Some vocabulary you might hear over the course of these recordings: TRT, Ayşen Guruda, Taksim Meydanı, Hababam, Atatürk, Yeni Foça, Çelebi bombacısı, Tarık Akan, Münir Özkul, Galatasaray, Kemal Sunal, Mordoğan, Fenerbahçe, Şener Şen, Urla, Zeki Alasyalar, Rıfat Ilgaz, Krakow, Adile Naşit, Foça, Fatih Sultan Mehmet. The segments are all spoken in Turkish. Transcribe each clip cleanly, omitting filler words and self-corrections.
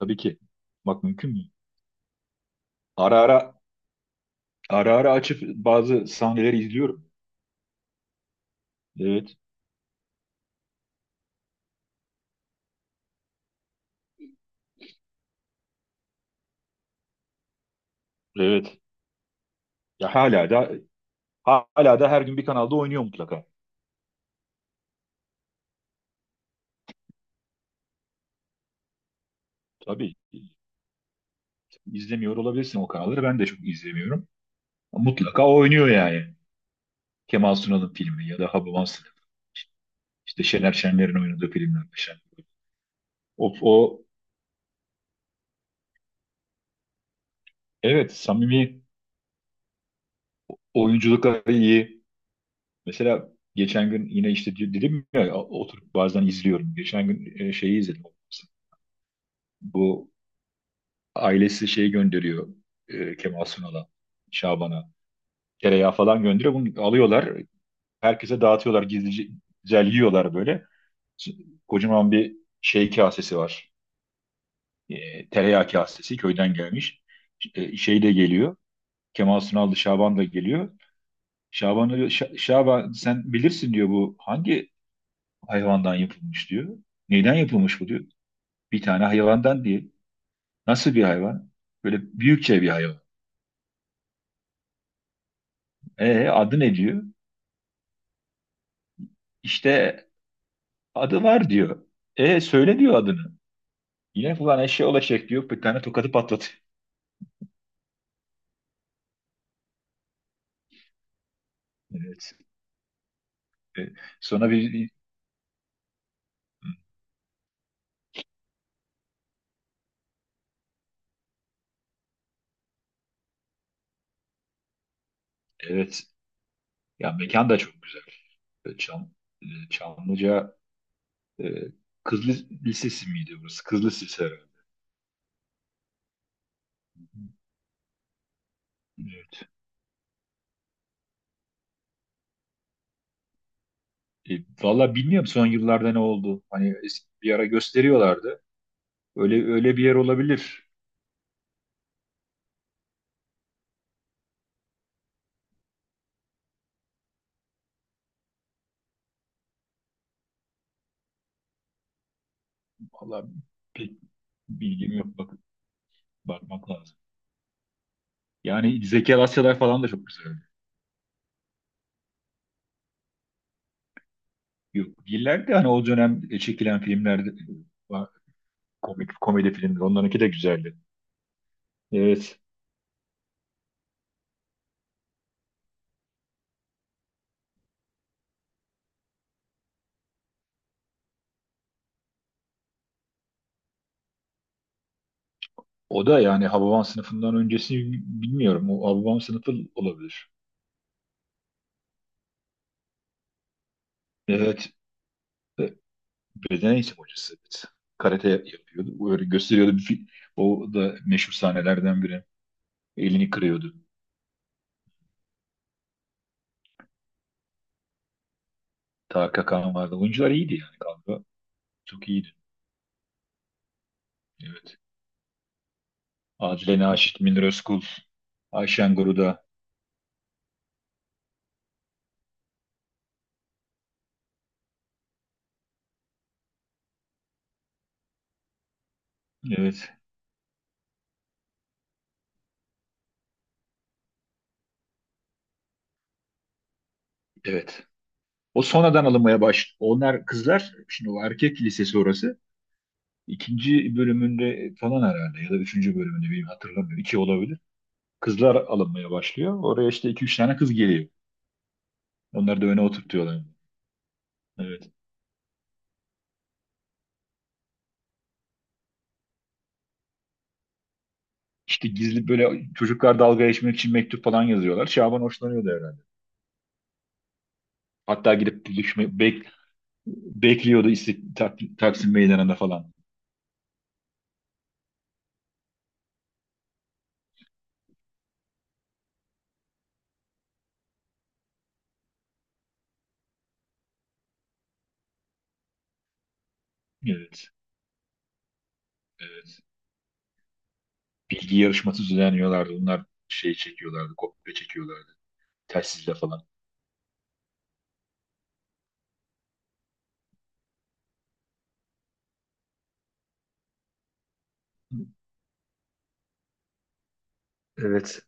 Tabii ki. Bak mümkün mü? Ara ara ara ara açıp bazı sahneleri izliyorum. Evet. Evet. Ya hala da her gün bir kanalda oynuyor mutlaka. Tabii. izlemiyor olabilirsin o kanalları. Ben de çok izlemiyorum. Mutlaka oynuyor yani. Kemal Sunal'ın filmi ya da Hababam işte Şener Şenler'in oynadığı filmler. Şen. O, evet, samimi oyunculukları iyi. Mesela geçen gün yine işte dedim ya oturup bazen izliyorum. Geçen gün şeyi izledim. Bu ailesi şey gönderiyor, Kemal Sunal'a, Şaban'a. Tereyağı falan gönderiyor. Bunu alıyorlar. Herkese dağıtıyorlar. Gizlice güzel yiyorlar böyle. Kocaman bir şey kasesi var. E, tereyağı kasesi köyden gelmiş. E, şey de geliyor. Kemal Sunal da Şaban da geliyor. Şaban diyor, "Şa- Şaban sen bilirsin diyor, bu hangi hayvandan yapılmış diyor. Neyden yapılmış bu diyor. Bir tane hayvandan değil. Nasıl bir hayvan? Böyle büyükçe bir hayvan. E adı ne diyor? İşte adı var diyor. E söyle diyor adını. Yine falan eşya olacak diyor. Bir tane tokatı patlatıyor. Evet. E, Sonra bir evet. Ya mekan da çok güzel. E, Çam, Çamlıca e, Kız Lis- Lisesi miydi burası? Kız Lisesi herhalde. Evet. E, Valla bilmiyorum son yıllarda ne oldu. Hani es- bir ara gösteriyorlardı. Öyle bir yer olabilir. Valla pek bilgim yok. Bak, bakmak lazım. Yani Zeki Alasyalar falan da çok güzel. Yok, değiller de hani o dönem çekilen filmlerde komik komedi filmler onlarınki de güzeldi. Evet. O da yani Hababam sınıfından öncesi bilmiyorum. O Hababam sınıfı olabilir. Evet. E, Beden eğitim hocası. Evet. Karate yapıyordu. Öyle gösteriyordu. Bir fi- o da meşhur sahnelerden biri. Elini kırıyordu. Tarık Akan vardı. Oyuncular iyiydi yani galiba. Çok iyiydi. Evet. Adile Naşit, Münir Özkul, Ayşen Guruda. Evet. Evet. O sonradan alınmaya baş. Onlar kızlar, şimdi o erkek lisesi orası. İkinci bölümünde falan herhalde ya da üçüncü bölümünde bilmiyorum, hatırlamıyorum. İki olabilir. Kızlar alınmaya başlıyor. Oraya işte iki üç tane kız geliyor. Onları da öne oturtuyorlar. Evet. İşte gizli böyle çocuklar dalga geçmek için mektup falan yazıyorlar. Şaban hoşlanıyordu herhalde. Hatta gidip düşme, bek, bekliyordu istik, tak, Taksim Meydanı'nda falan. Evet. Evet. Bilgi yarışması düzenliyorlardı. Onlar şey çekiyorlardı, kopya çekiyorlardı. Telsizle falan. Evet.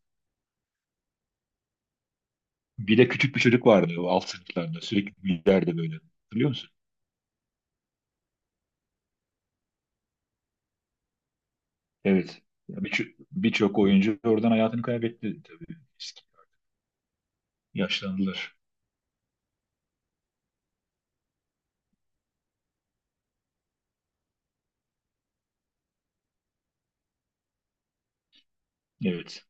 Bir de küçük bir çocuk vardı o alt sınıflarda. Sürekli gülerdi böyle. Hatırlıyor musun? Evet. Ya birçok oyuncu oradan hayatını kaybetti tabii. Eski- Yaşlandılar. Evet.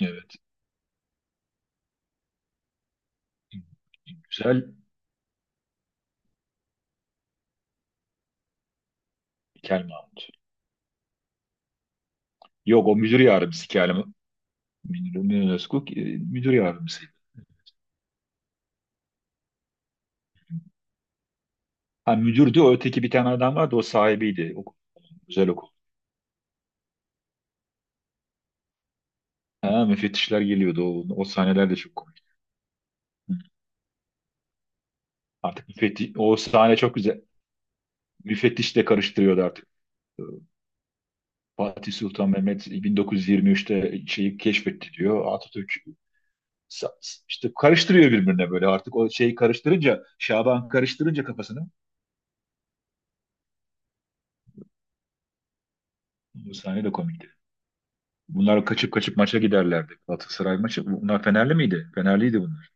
Evet. Güzel. Kel Mahmut. Yok, o müdür yardımcısı Kel Mahmut. Münir Özkul müdür yardımcısıydı. Ha müdürdü o, öteki bir tane adam vardı, o sahibiydi. O, güzel okul. Ha, müfettişler geliyordu. O sahneler de çok komik. Hı. Artık müfettiş, o sahne çok güzel. Müfettiş de karıştırıyordu artık. Fatih Sultan Mehmet 1923'te şeyi keşfetti diyor. Atatürk işte karıştırıyor birbirine böyle artık o şeyi karıştırınca Şaban karıştırınca kafasını bu sahne de komikti. Bunlar kaçıp kaçıp maça giderlerdi. Galatasaray maçı. Bunlar Fenerli miydi? Fenerliydi bunlar.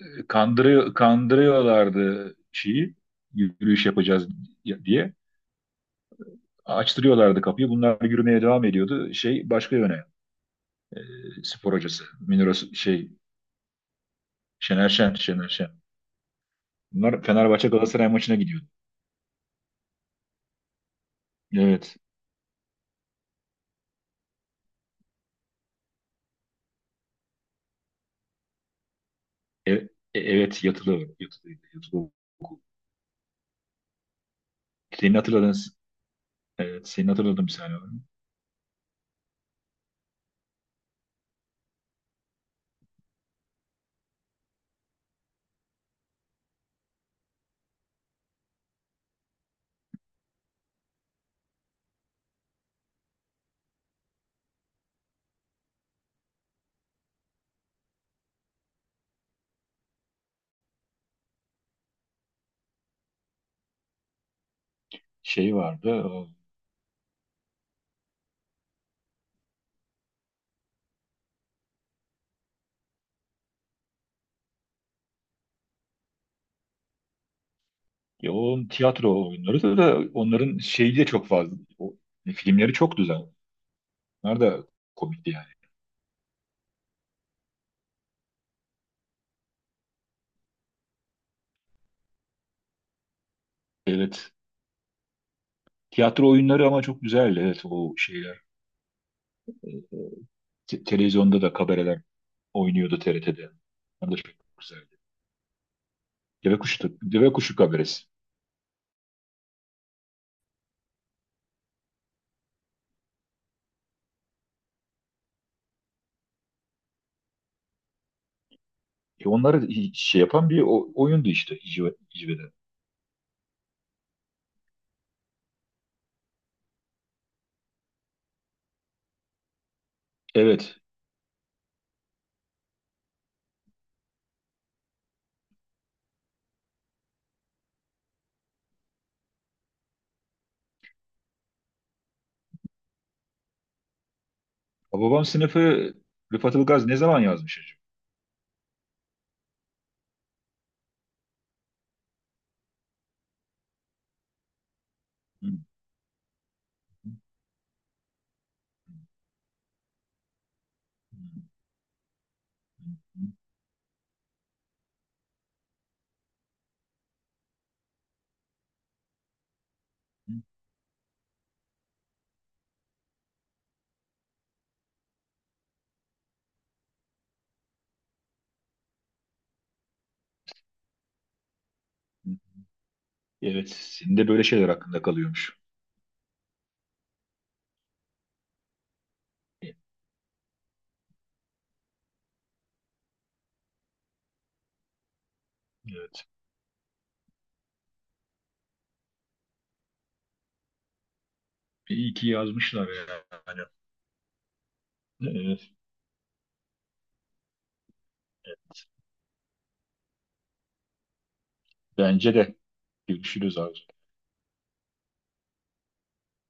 Kandırıyor, kandırıyorlardı şeyi, yürüyüş yapacağız diye. Açtırıyorlardı kapıyı. Bunlar yürümeye devam ediyordu. Şey başka yöne. E, spor hocası. Münir şey, Şener Şen. Bunlar Fenerbahçe Galatasaray maçına gidiyordu. Evet. E- e- evet yatılı. Yatılı okul. Senin hatırladığın, evet, senin hatırladığın bir sahne var mı? Şey vardı. O, ya onun tiyatro oyunları da onların şeyi de çok fazla. O, filmleri çok güzel. Onlar da komikti yani. Evet. Tiyatro oyunları ama çok güzeldi. Evet o şeyler. Te- televizyonda da kabareler oynuyordu TRT'de. Onlar da çok güzeldi. Deve kuşu kabaresi. E onları hi- şey yapan bir o- oyundu işte İcve'de. Evet. Babam sınıfı Rıfat Ilgaz ne zaman yazmış acaba? Hı, hı, hı, hı, hı. Evet, senin de böyle şeyler hakkında kalıyormuş. Evet. İyi ki yazmışlar yani. Evet. Bence de. Görüşürüz abi.